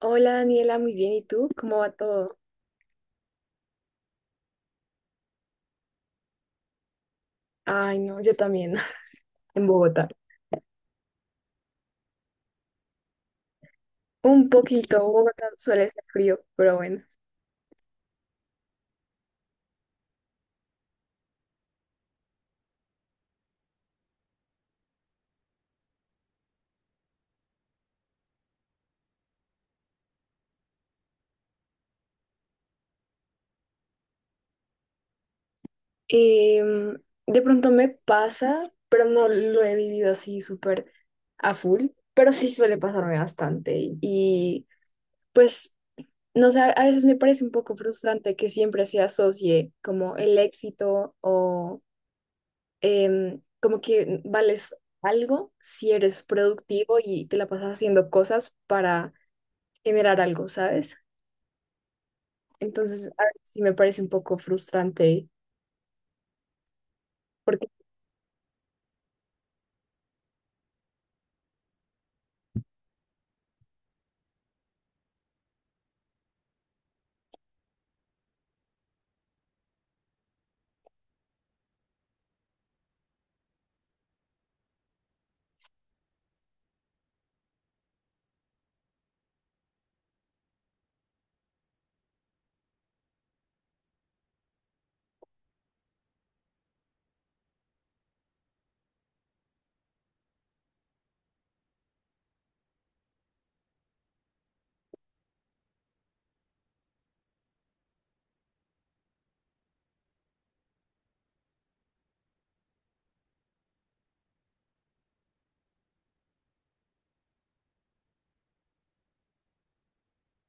Hola Daniela, muy bien. ¿Y tú? ¿Cómo va todo? Ay, no, yo también, en Bogotá. Un poquito, Bogotá suele ser frío, pero bueno. Em, de pronto me pasa, pero no lo he vivido así súper a full, pero sí suele pasarme bastante. Pues, no sé, a veces me parece un poco frustrante que siempre se asocie como el éxito o como que vales algo si eres productivo y te la pasas haciendo cosas para generar algo, ¿sabes? Entonces, a veces sí me parece un poco frustrante porque,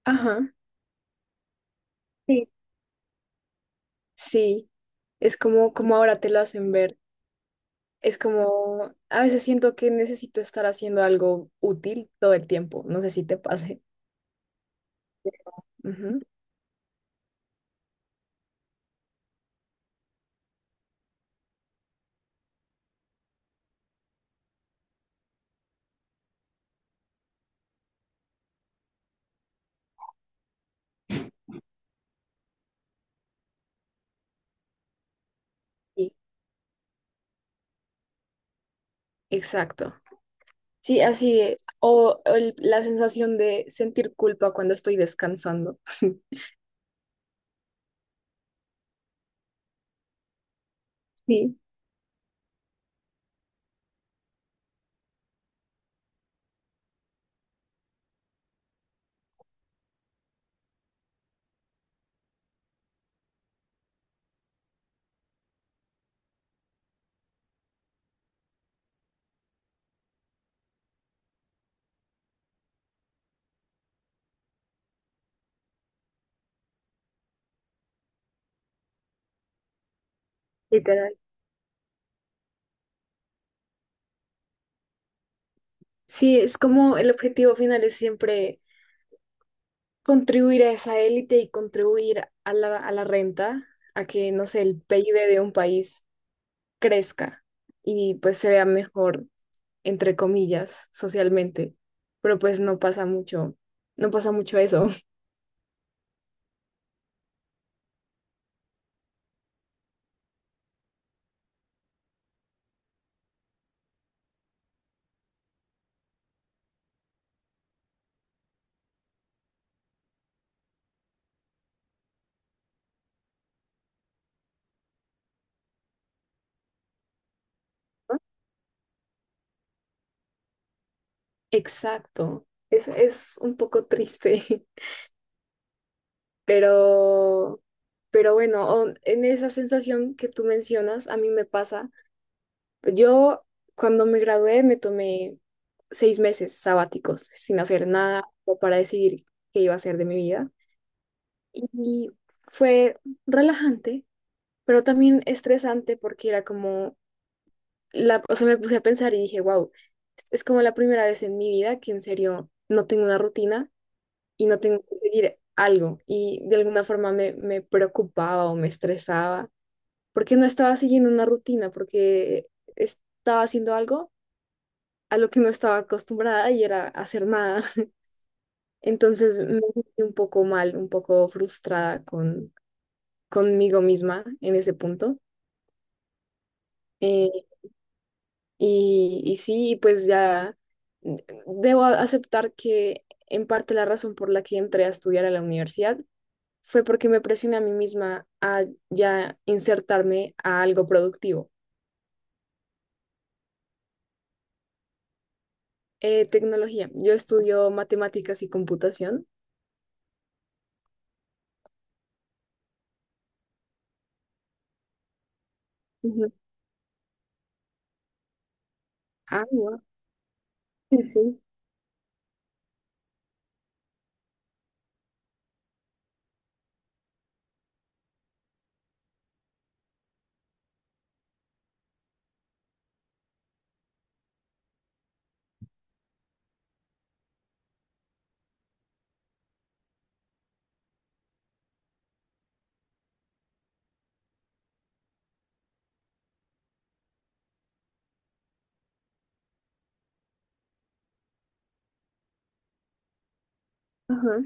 ajá. Sí, sí, es como, como ahora te lo hacen ver. Es como, a veces siento que necesito estar haciendo algo útil todo el tiempo. No sé si te pase. Ujú, sí, exacto. Sí, así, es. La sensación de sentir culpa cuando estoy descansando. Sí, literal. Sí, es como el objetivo final es siempre contribuir a esa élite y contribuir a la renta, a que, no sé, el PIB de un país crezca y pues se vea mejor, entre comillas, socialmente. Pero pues no pasa mucho, no pasa mucho eso. Exacto. Es un poco triste, pero, pero bueno, en esa sensación que tú mencionas, a mí me pasa. Yo cuando me gradué me tomé seis meses sabáticos sin hacer nada o para decidir qué iba a hacer de mi vida. Y fue relajante, pero también estresante porque era como, me puse a pensar y dije, wow, es como la primera vez en mi vida que en serio no tengo una rutina y no tengo que seguir algo. Y de alguna forma me preocupaba o me estresaba porque no estaba siguiendo una rutina, porque estaba haciendo algo a lo que no estaba acostumbrada y era hacer nada. Entonces me sentí un poco mal, un poco frustrada conmigo misma en ese punto. Eh, sí, pues ya debo aceptar que en parte la razón por la que entré a estudiar a la universidad fue porque me presioné a mí misma a ya insertarme a algo productivo. Tecnología. Yo estudio matemáticas y computación. Ujú. Ah, guau. Sí, sí. Ajá.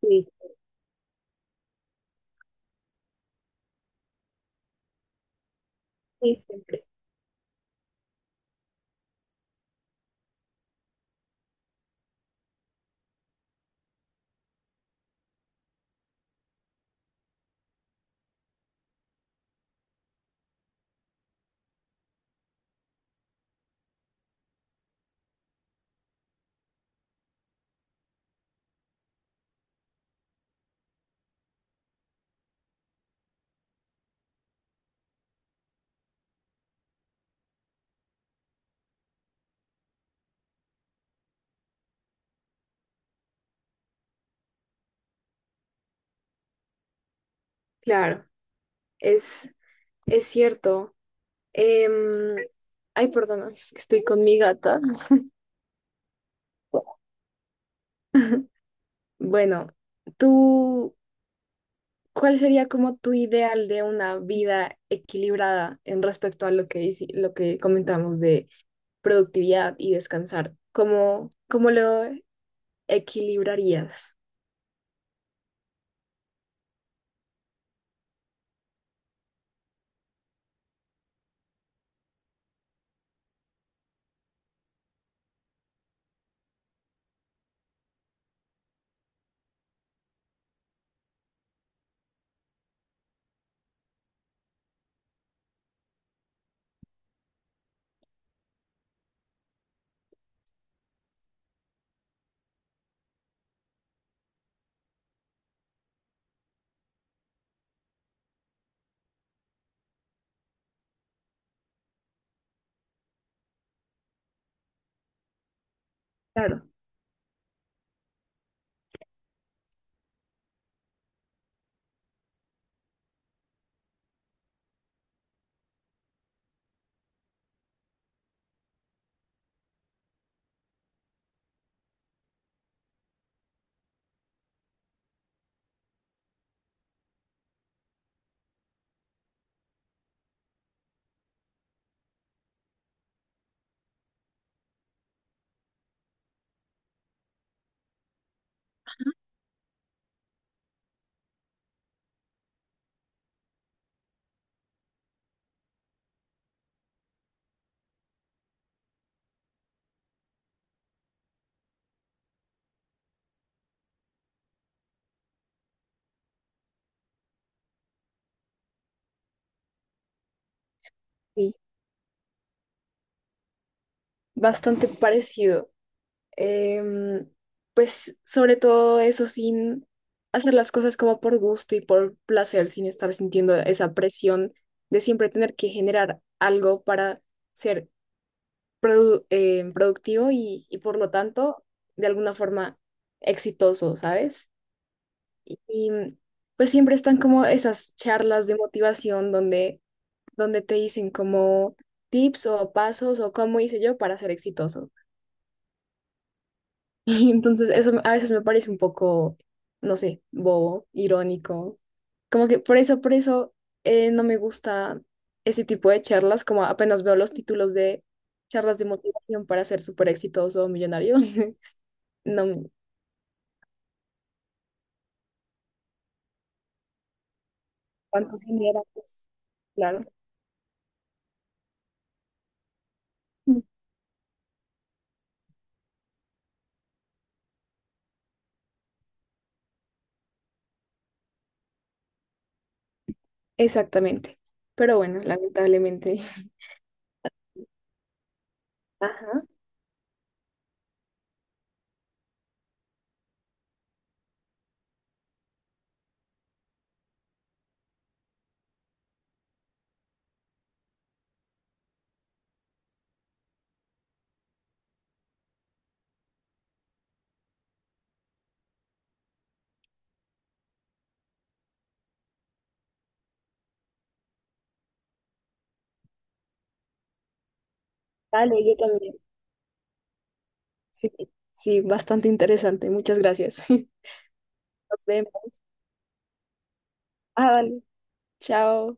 Sí, sí, siempre. Claro, es, es cierto. Em, ay, perdón, es que estoy con mi gata. Bueno, tú, ¿cuál sería como tu ideal de una vida equilibrada en respecto a lo que, lo que comentamos de productividad y descansar? ¿Cómo, cómo lo equilibrarías? Claro, sí, bastante parecido. Em, pues sobre todo eso, sin hacer las cosas como por gusto y por placer, sin estar sintiendo esa presión de siempre tener que generar algo para ser productivo y por lo tanto de alguna forma exitoso, ¿sabes? Y mm, pues siempre están como esas charlas de motivación donde, donde te dicen como tips o pasos o cómo hice yo para ser exitoso. Y entonces eso a veces me parece un poco, no sé, bobo, irónico. Como que por eso no me gusta ese tipo de charlas, como apenas veo los títulos de charlas de motivación para ser súper exitoso o millonario. No, cuántos dinero, pues, claro. Mm. Exactamente. Pero bueno, lamentablemente. Ajá. Dale, yo también. Sí, sí, bastante interesante. Muchas gracias. Nos vemos. Ah, vale. Chao.